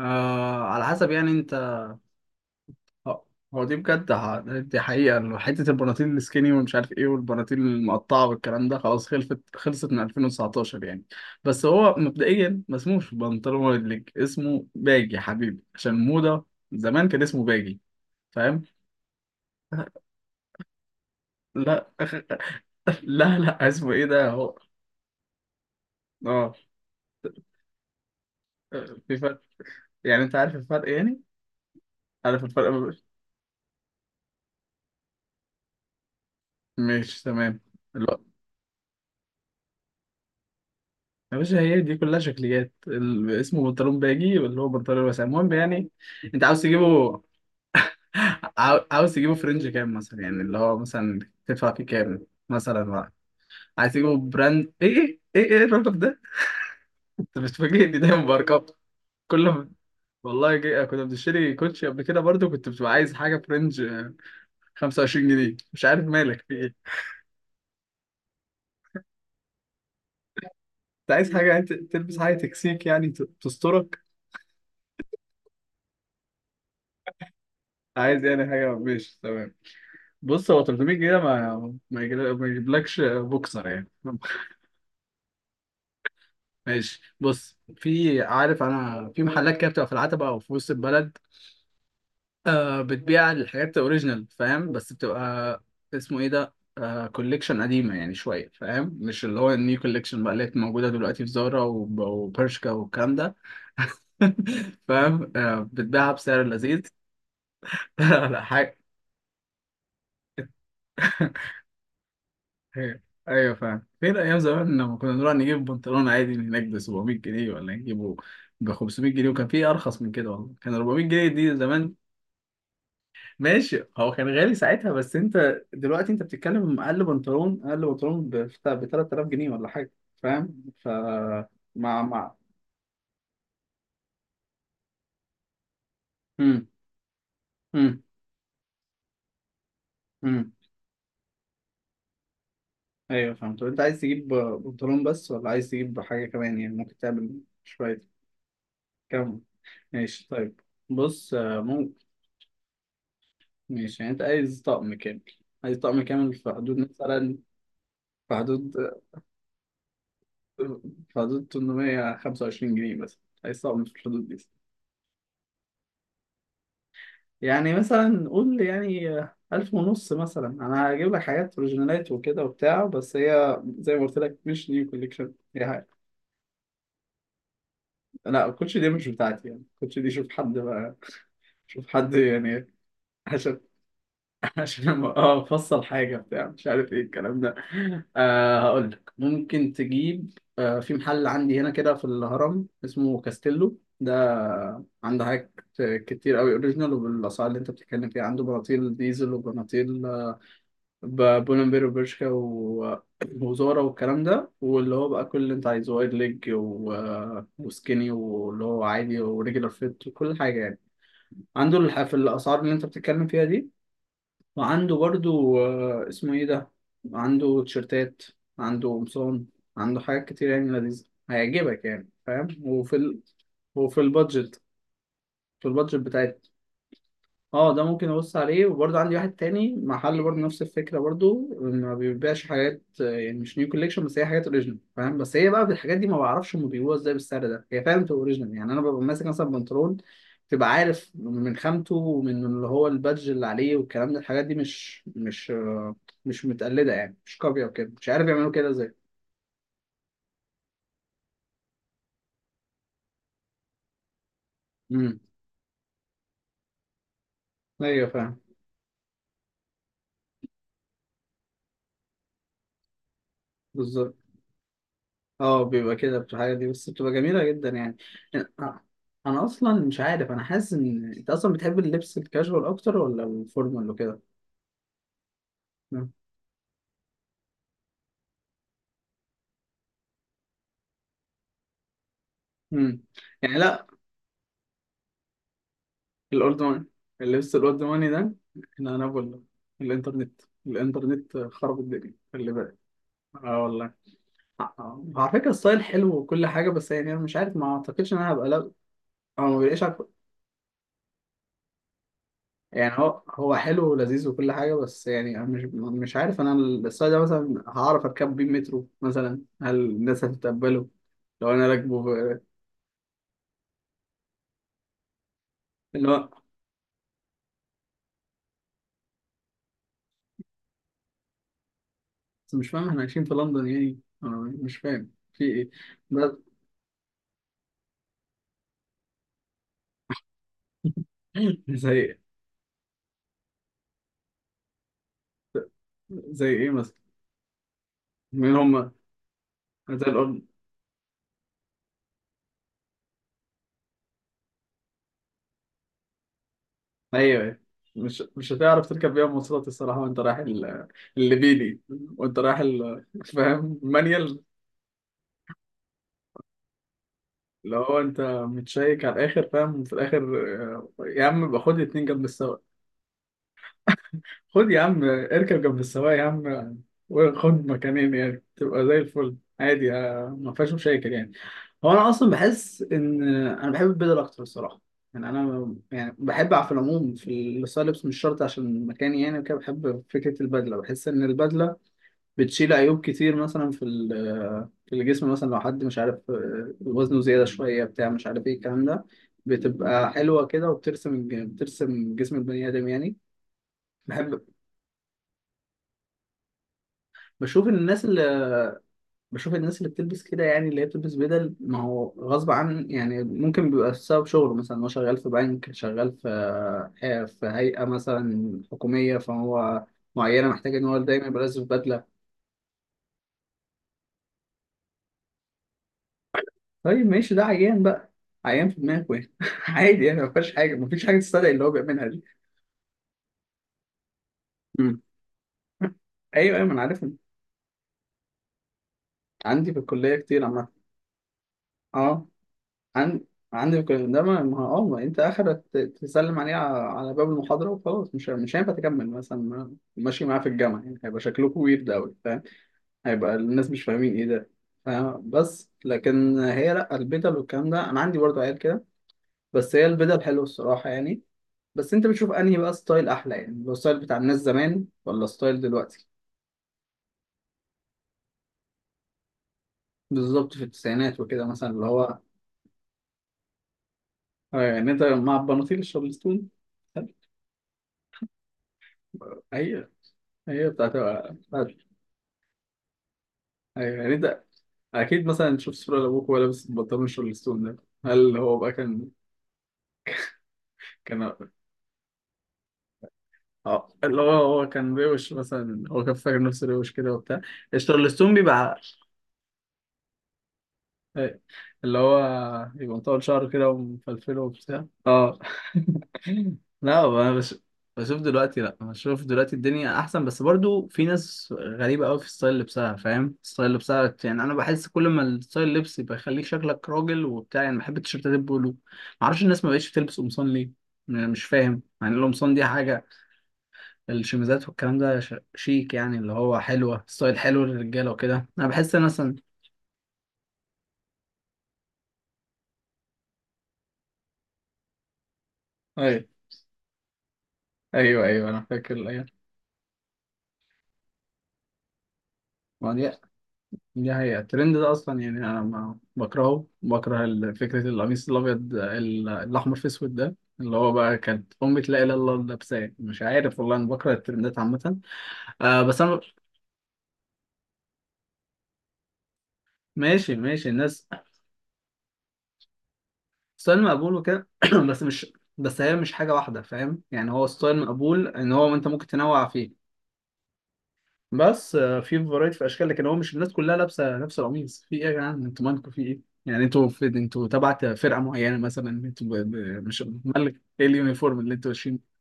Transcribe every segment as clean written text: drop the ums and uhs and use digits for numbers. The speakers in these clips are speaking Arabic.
آه، على حسب يعني انت. هو هو دي بجد، دي حقيقة إنه حتة البناطيل السكيني ومش عارف ايه، والبناطيل المقطعة والكلام ده خلاص خلصت من 2019 يعني. بس هو مبدئيا ما اسموش بنطلون ولا ليج، اسمه باجي يا حبيبي عشان الموضة. زمان كان اسمه باجي. فاهم؟ لا. لا، لا اسمه ايه ده هو؟ اه، في فرق. يعني انت عارف الفرق يعني؟ عارف الفرق؟ مش تمام. يا باشا، هي دي كلها شكليات، اسمه بنطلون باجي، واللي هو بنطلون واسع، المهم يعني. انت عاوز تجيبه؟ عاوز تجيبه فرنج كام مثلا؟ يعني اللي هو مثلا تدفع فيه كام مثلا بقى؟ عايز تجيبه براند ايه؟ ايه ايه ايه الرقم ده؟ انت بتفاجئني دايما بارقام كل ما... والله كنا بنشتري كوتشي قبل كده، برضو كنت بتبقى عايز حاجه فرنج، 25 جنيه، مش عارف مالك في ايه. انت عايز حاجه يعني تلبس حاجه تكسيك يعني، تسترك. عايز يعني حاجه ماشي تمام. بص، هو 300 جنيه ما ما يجيبلكش بوكسر يعني. ماشي، بص، في عارف انا في محلات كده بتبقى في العتبة او في وسط البلد، آه، بتبيع الحاجات اوريجينال، فاهم؟ بس بتبقى اسمه ايه ده، آه، كوليكشن قديمة يعني شوية، فاهم؟ مش اللي هو النيو كوليكشن بقى، اللي هي موجودة دلوقتي في زارا وبرشكا والكلام ده. فاهم؟ آه، بتبيعها بسعر لذيذ. لا، حاجة. ايوه، ايوه فاهم. فين ايام زمان لما كنا نروح نجيب بنطلون عادي من هناك ب 700 جنيه، ولا نجيبه ب 500 جنيه، وكان في ارخص من كده، والله كان 400 جنيه دي زمان. ماشي، هو كان غالي ساعتها، بس انت دلوقتي انت بتتكلم اقل بنطلون، اقل بنطلون ب 3000 جنيه ولا حاجه. فاهم؟ ف مع مع امم امم امم ايوه فاهم. طب انت عايز تجيب بنطلون بس، ولا عايز تجيب حاجه كمان؟ يعني ممكن تعمل شويه كم. ماشي طيب. بص، آه، ممكن. ماشي، يعني انت عايز طقم كامل. عايز طقم كامل في حدود مثلا. في حدود في حدود 825 جنيه مثلا. عايز طقم في الحدود دي. يعني مثلا قول يعني، ألف ونص مثلا، أنا هجيب لك حاجات أوريجينالات وكده وبتاع، بس هي زي ما قلت لك مش نيو كوليكشن، هي حاجة... لا، الكوتش دي مش بتاعتي يعني، الكوتش دي شوف حد بقى، شوف حد يعني. عشان اه، افصل حاجه بتاع، مش عارف ايه الكلام ده. آه، هقول لك، ممكن تجيب، آه، في محل عندي هنا كده في الهرم اسمه كاستيلو ده. عنده حاجات كتير قوي اوريجينال، وبالاسعار اللي انت بتتكلم فيها. عنده بناطيل ديزل، وبناطيل، آه، بولمبير، وبرشكا، و... وزارة، والكلام ده، واللي هو بقى كل اللي انت عايزه، وايد ليج، و... وسكيني، واللي هو عادي، وريجولار فيت، وكل حاجه يعني. عنده في الاسعار اللي انت بتتكلم فيها دي. وعنده برضو، آه، اسمه ايه ده. عنده تيشرتات، عنده قمصان، عنده حاجات كتير يعني لذيذة، هيعجبك يعني، فاهم؟ وفي ال... وفي البادجت، في البادجت بتاعتنا. اه، ده ممكن ابص عليه. وبرضه عندي واحد تاني محل، برضه نفس الفكره، برضه ما بيبيعش حاجات، آه، يعني مش نيو كوليكشن، بس هي حاجات اوريجينال، فاهم؟ بس هي بقى بالحاجات دي ما بعرفش هم بيبيعوها ازاي بالسعر ده. هي فعلا بتبقى اوريجينال يعني. انا ببقى ماسك مثلا بنطلون، تبقى عارف من خامته ومن اللي هو البادج اللي عليه والكلام ده. الحاجات دي مش آه، مش متقلده يعني، مش كوبي او كده، مش عارف يعملوا كده ازاي. امم. ايوه فاهم. بالظبط. اه، بيبقى كده في الحاجة دي، بس بتبقى جميلة جدا يعني. أنا أنا أصلا مش عارف، أنا حاسس إن أنت أصلا بتحب اللبس الكاجوال أكتر، ولا الفورمال وكده؟ مم. مم. يعني لأ، الأولد ماني. اللبس الأولد ماني ده، أنا بقول، الإنترنت، الإنترنت خرب الدنيا، خلي بالك. اه، والله. آه. على فكرة الستايل حلو وكل حاجة، بس يعني أنا مش عارف، ما أعتقدش إن أنا هبقى، لا، أو ما بيلاقيش. يعني هو حلو ولذيذ وكل حاجة، بس يعني أنا مش عارف. أنا الساعة ده مثلا هعرف أركب بيه مترو مثلا؟ هل الناس هتتقبله لو أنا راكبه اللي هو؟ بس مش فاهم، إحنا عايشين في لندن يعني أنا؟ مش فاهم في إيه. بس... زي، زي إيه مثلا؟ مين هما؟ زي الأم. أيوه، أيوه. مش هتعرف تركب بيها مواصلات الصراحة، وأنت رايح الليبيلي، وأنت رايح فاهم، المانيال. اللي هو انت متشيك على الاخر، فاهم؟ وفي الاخر آه، يا عم يبقى خد اتنين جنب السواق. خد يا عم، اركب جنب السواق يا عم. وخد مكانين يعني، تبقى زي الفل عادي، آه، ما فيهاش مشاكل يعني. هو انا اصلا بحس ان آه، انا بحب البدل اكتر الصراحه. يعني انا يعني بحب، على في العموم في الستايل لبس مش شرط عشان مكاني يعني، وكده. بحب فكره البدله، بحس ان البدله بتشيل عيوب كتير، مثلا في في الجسم، مثلا لو حد مش عارف آه، وزنه زيادة شوية بتاع، مش عارف ايه الكلام ده، بتبقى حلوة كده، وبترسم بترسم جسم البني آدم يعني. بحب بشوف إن الناس اللي بشوف الناس اللي بتلبس كده، يعني اللي هي بتلبس بدل، ما هو غصب عن يعني، ممكن بيبقى بسبب شغله مثلا، هو شغال في بنك، شغال في، آه، في هيئة مثلا حكومية، فهو معينة، محتاج إن هو دايما يبقى لابس بدلة. طيب ماشي، ده عيان بقى. عيان في دماغه يعني. عادي يعني، ما فيهاش حاجه، ما فيش حاجه تستدعي اللي هو بيعملها دي. مم. ايوه، ايوه، ما انا عارف. عندي في الكليه كتير عامه. اه. عن... عندي في الكليه ده اه، ما انت اخرك تسلم عليه على على باب المحاضره وخلاص، مش هينفع تكمل مثلا، ماشي معاه في الجامعه يعني، هيبقى شكلكم ويرد قوي، فاهم؟ هيبقى الناس مش فاهمين ايه ده. فاهم؟ بس لكن هي لا، البدل والكلام ده انا عندي برضه عيال كده، بس هي البدل حلوه الصراحه يعني. بس انت بتشوف انهي بقى ستايل احلى، يعني لو ستايل بتاع الناس زمان، ولا ستايل دلوقتي؟ بالظبط، في التسعينات وكده مثلا اللي هو، آه، يعني انت مع البناطيل الشارلستون. ايوه، ايوه، بتاعت- ايوه يعني انت. اكيد مثلا تشوف صوره لابوك وهو لابس البنطلون الشارلستون ده، هل هو بقى كان، كان اه اللي هو، هو كان روش مثلا، هو كان فاكر نفسه روش كده وبتاع. الشارلستون بيبقى إيه. اللي هو يبقى مطول شعره كده ومفلفله وبتاع، اه. لا، هو انا بشوف دلوقتي لا بشوف دلوقتي الدنيا احسن، بس برضو في ناس غريبه قوي في ستايل لبسها، فاهم؟ ستايل لبسها بت- يعني انا بحس كل ما الستايل لبس يبقى يخليك شكلك راجل وبتاع يعني، بحب التيشيرتات البولو. معرفش الناس ما بقتش بتلبس قمصان ليه؟ أنا مش فاهم يعني. القمصان دي حاجه، الشميزات والكلام ده شيك يعني، اللي هو حلوه، ستايل حلو للرجاله وكده. انا بحس مثلا. ايوه، ايوه، ايوه، انا فاكر الايام. ما دي، دي حقيقة الترند ده أصلا يعني، أنا ما بكرهه، بكره فكرة القميص الأبيض الأحمر في أسود ده اللي هو بقى، كانت أمي لا إله إلا الله لابساه، مش عارف، والله أنا بكره الترندات عامة. آه، بس أنا... ماشي، ماشي الناس. ستايل مقبول وكده بس مش بس هي مش حاجة واحدة، فاهم يعني، هو ستايل مقبول، إن هو أنت ممكن تنوع فيه. بس آه، في فرايتي في اشكال، لكن هو مش الناس كلها لابسه نفس القميص. في ايه يا جدعان، انتوا مالكم؟ في ايه يعني انتوا، في انتوا تبع فرقه معينه مثلا، انتوا مش مالك، ايه اليونيفورم اللي انتوا ماشيين بيه؟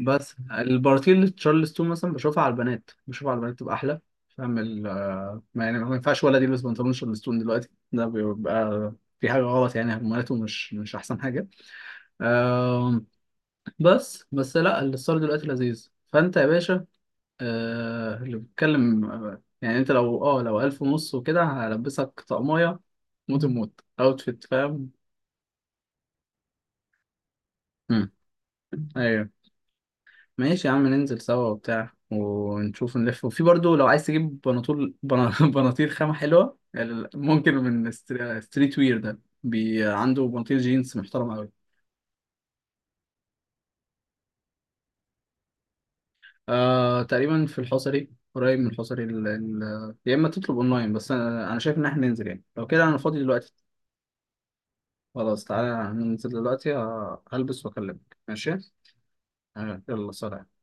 بس البارتيل تشارلستون مثلا بشوفها على البنات، بشوفها على البنات تبقى احلى، فاهم؟ ال... آه، ما يعني ما ينفعش ولد يلبس بنطلون تشارلستون دلوقتي، ده بيبقى في حاجه غلط يعني، هرموناته مش احسن حاجه. آم، بس لا، الستايل دلوقتي لذيذ. فانت يا باشا، آه، اللي بتكلم، آه، يعني انت لو لو 1500 وكده، هلبسك طقمية موت. الموت اوتفيت، فاهم؟ مم. ايوه. ماشي يا عم، ننزل سوا وبتاع ونشوف نلف. وفي برضو لو عايز تجيب بناطول بناطيل خامة حلوة ممكن من ستريت وير ده بي، عنده بناطيل جينز محترم قوي. آه، تقريبا في الحصري، قريب من الحصري يا اما تطلب اونلاين، بس انا أنا شايف ان احنا ننزل يعني، لو كده انا فاضي دلوقتي. خلاص تعالى ننزل دلوقتي، آه، هلبس واكلمك ماشي. آه، يلا سلام.